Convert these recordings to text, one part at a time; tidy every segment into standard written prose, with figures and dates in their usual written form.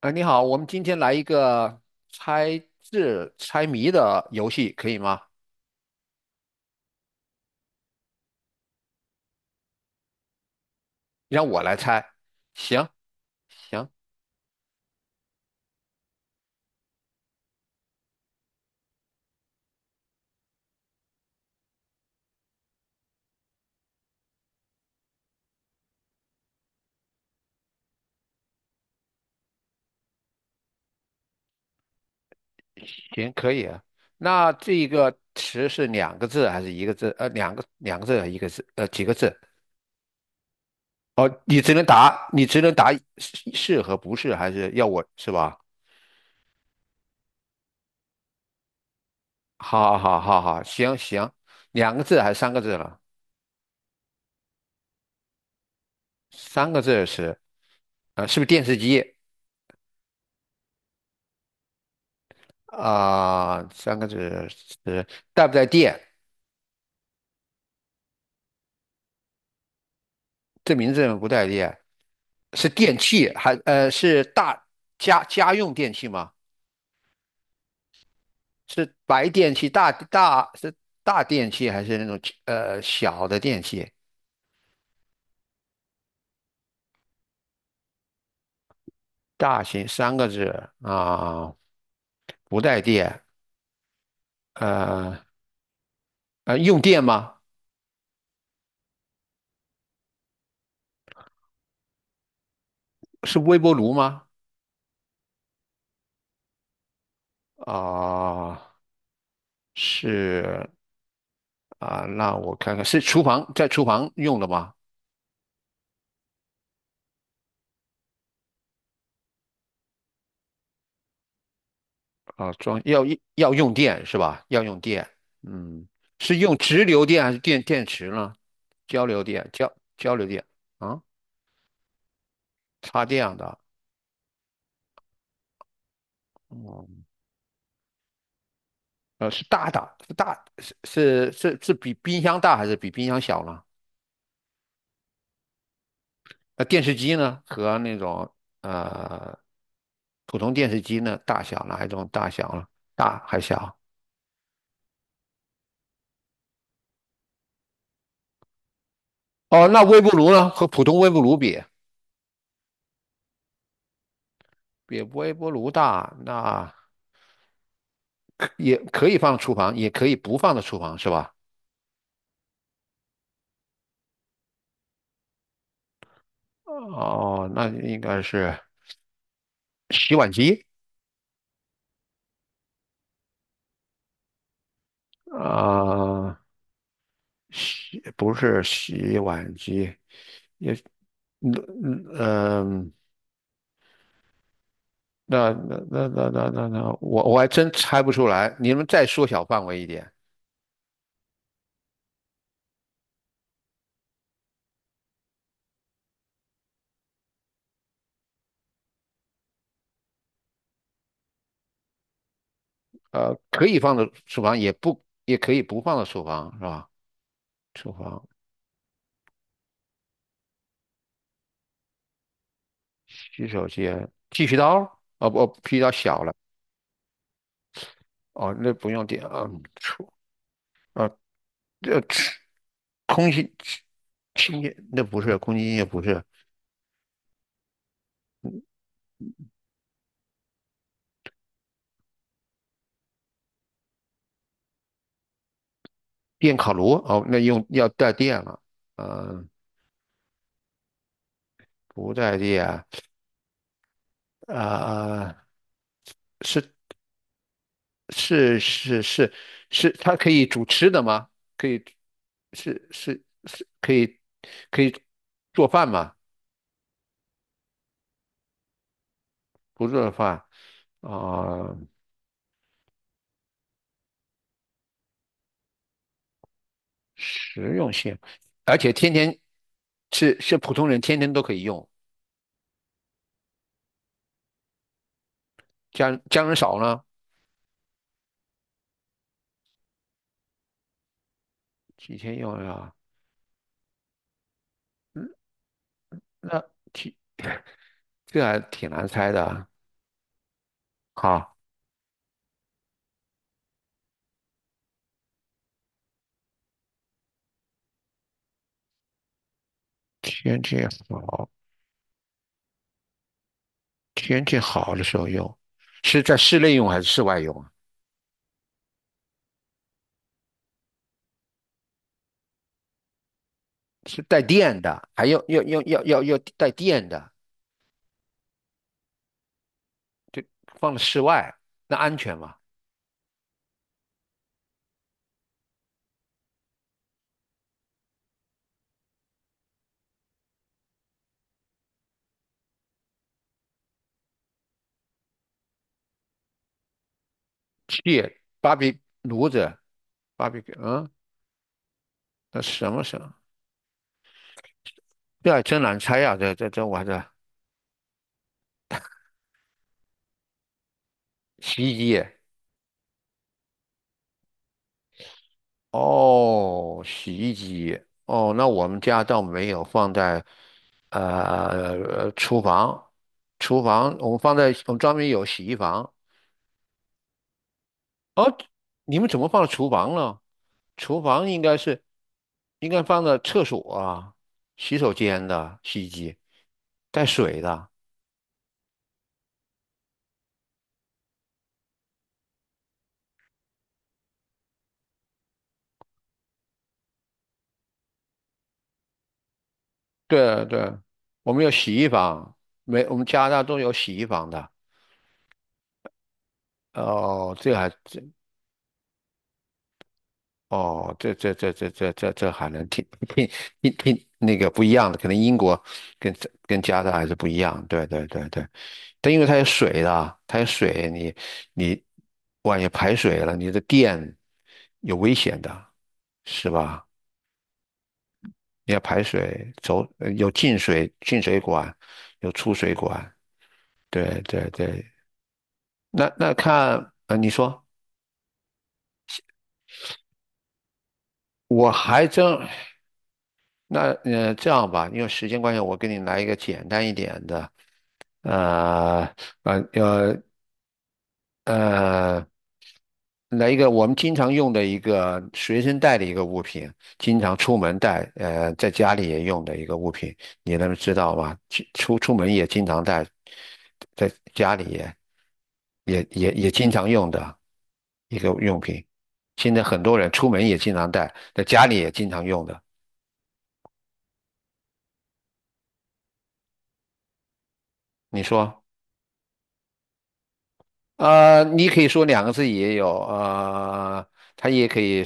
你好，我们今天来一个猜字猜谜的游戏，可以吗？让我来猜。行行行，可以啊。那这一个词是两个字还是一个字？两个字还是一个字？几个字？哦，你只能答是和不是，还是要我是吧？好好好好，行行，两个字还是三个字了？三个字是，是不是电视机？啊、三个字是带不带电？这名字不带电，是电器还是家用电器吗？是白电器是大电器还是那种小的电器？大型三个字啊，不带电，呃用电吗？是微波炉吗？啊、是啊，那我看看是厨房在厨房用的吗？啊，要用电是吧？要用电，嗯，是用直流电还是电池呢？交流电，啊，插电的，哦、是大的，是大，是是是是比冰箱大还是比冰箱小呢？那电视机呢？和那种呃普通电视机呢，大小哪一种大小呢？大还小？哦，那微波炉呢？和普通微波炉比，比微波炉大，那也可以放厨房，也可以不放到厨房，是吧？哦，那应该是洗碗机啊，不是洗碗机，嗯嗯嗯，那，我还真猜不出来。你们再缩小范围一点，可以放到厨房，也可以不放到厨房，是吧？厨房洗手间，剃须刀啊，不，剃须刀小了。哦，那不用点啊，厨啊，呃，空气清洁那不是空气清洁不是电烤炉。哦，那用要带电了，嗯、不带电啊、呃是是是是是，它可以煮吃的吗？可以是是是可以可以做饭吗？不做饭啊、实用性，而且天天是普通人天天都可以用，家人少呢，几天用呀？嗯那。这还挺难猜的啊。好，天气好，天气好的时候用，是在室内用还是室外用啊？是带电的，还要带电的，就放在室外，那安全吗？气，芭比炉子，芭比，嗯，那什么什么？这还真难猜呀、这这这我这洗衣机，哦，洗衣机。哦，那我们家倒没有放在厨房，厨房我们放在我们专门有洗衣房。你们怎么放厨房了？厨房应该放在厕所啊、洗手间的洗衣机，带水的。对对，我们有洗衣房，我们加拿大都有洗衣房的。哦，这还这哦，这还能挺挺那个不一样的，可能英国跟加拿大还是不一样。对对对对，但因为它有水的，它有水，你万一排水了，你的电有危险的，是吧？你要排水，走，有进水管，有出水管。对对对，那看，你说我还真那呃这样吧，因为时间关系，我给你来一个简单一点的。呃呃呃呃，来一个我们经常用的一个随身带的一个物品，经常出门带，在家里也用的一个物品，你能知道吗？去出门也经常带，在家里也经常用的一个用品。现在很多人出门也经常带，在家里也经常用的。你说，你可以说两个字也有，它也可以。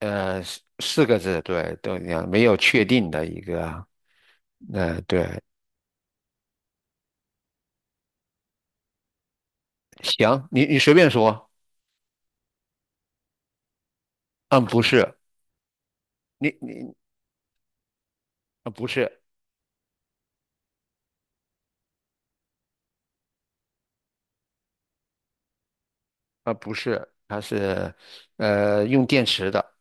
四个字，对，都一样，没有确定的一个，对，行，你随便说，嗯，不是，你你啊，不是啊，不是，它是，用电池的，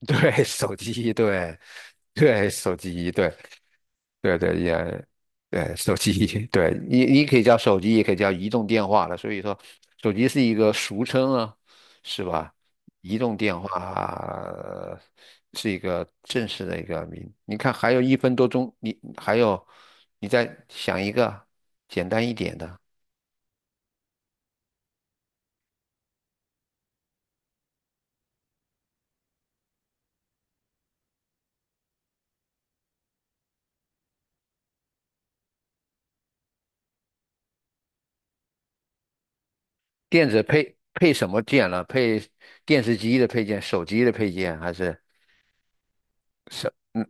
对，手机，对，对，手机，对，对对也，对手机，对你可以叫手机，也可以叫移动电话了。所以说，手机是一个俗称啊，是吧？移动电话是一个正式的一个名。你看，还有一分多钟，你还有，你再想一个简单一点的，电子配什么件了？配电视机的配件、手机的配件，还是什嗯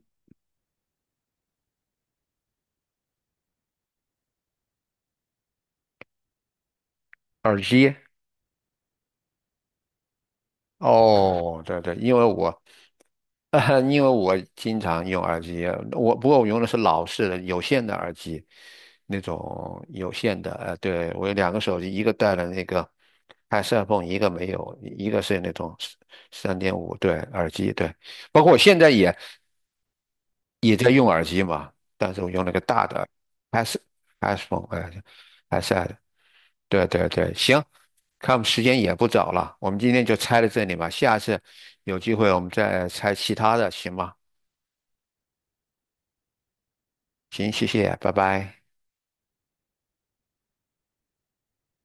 耳机？哦，对对，因为我 哈，因为我经常用耳机，不过我用的是老式的有线的耳机，那种有线的。对，我有两个手机，一个带了那个 i p h o n e 一个没有，一个是那种3.5对耳机，对。包括我现在也在用耳机嘛，但是我用了个大的 s i p h o n e i a d s e 对对对，行，看我们时间也不早了，我们今天就拆到这里吧，下次有机会我们再拆其他的，行吗？行，谢谢，拜拜。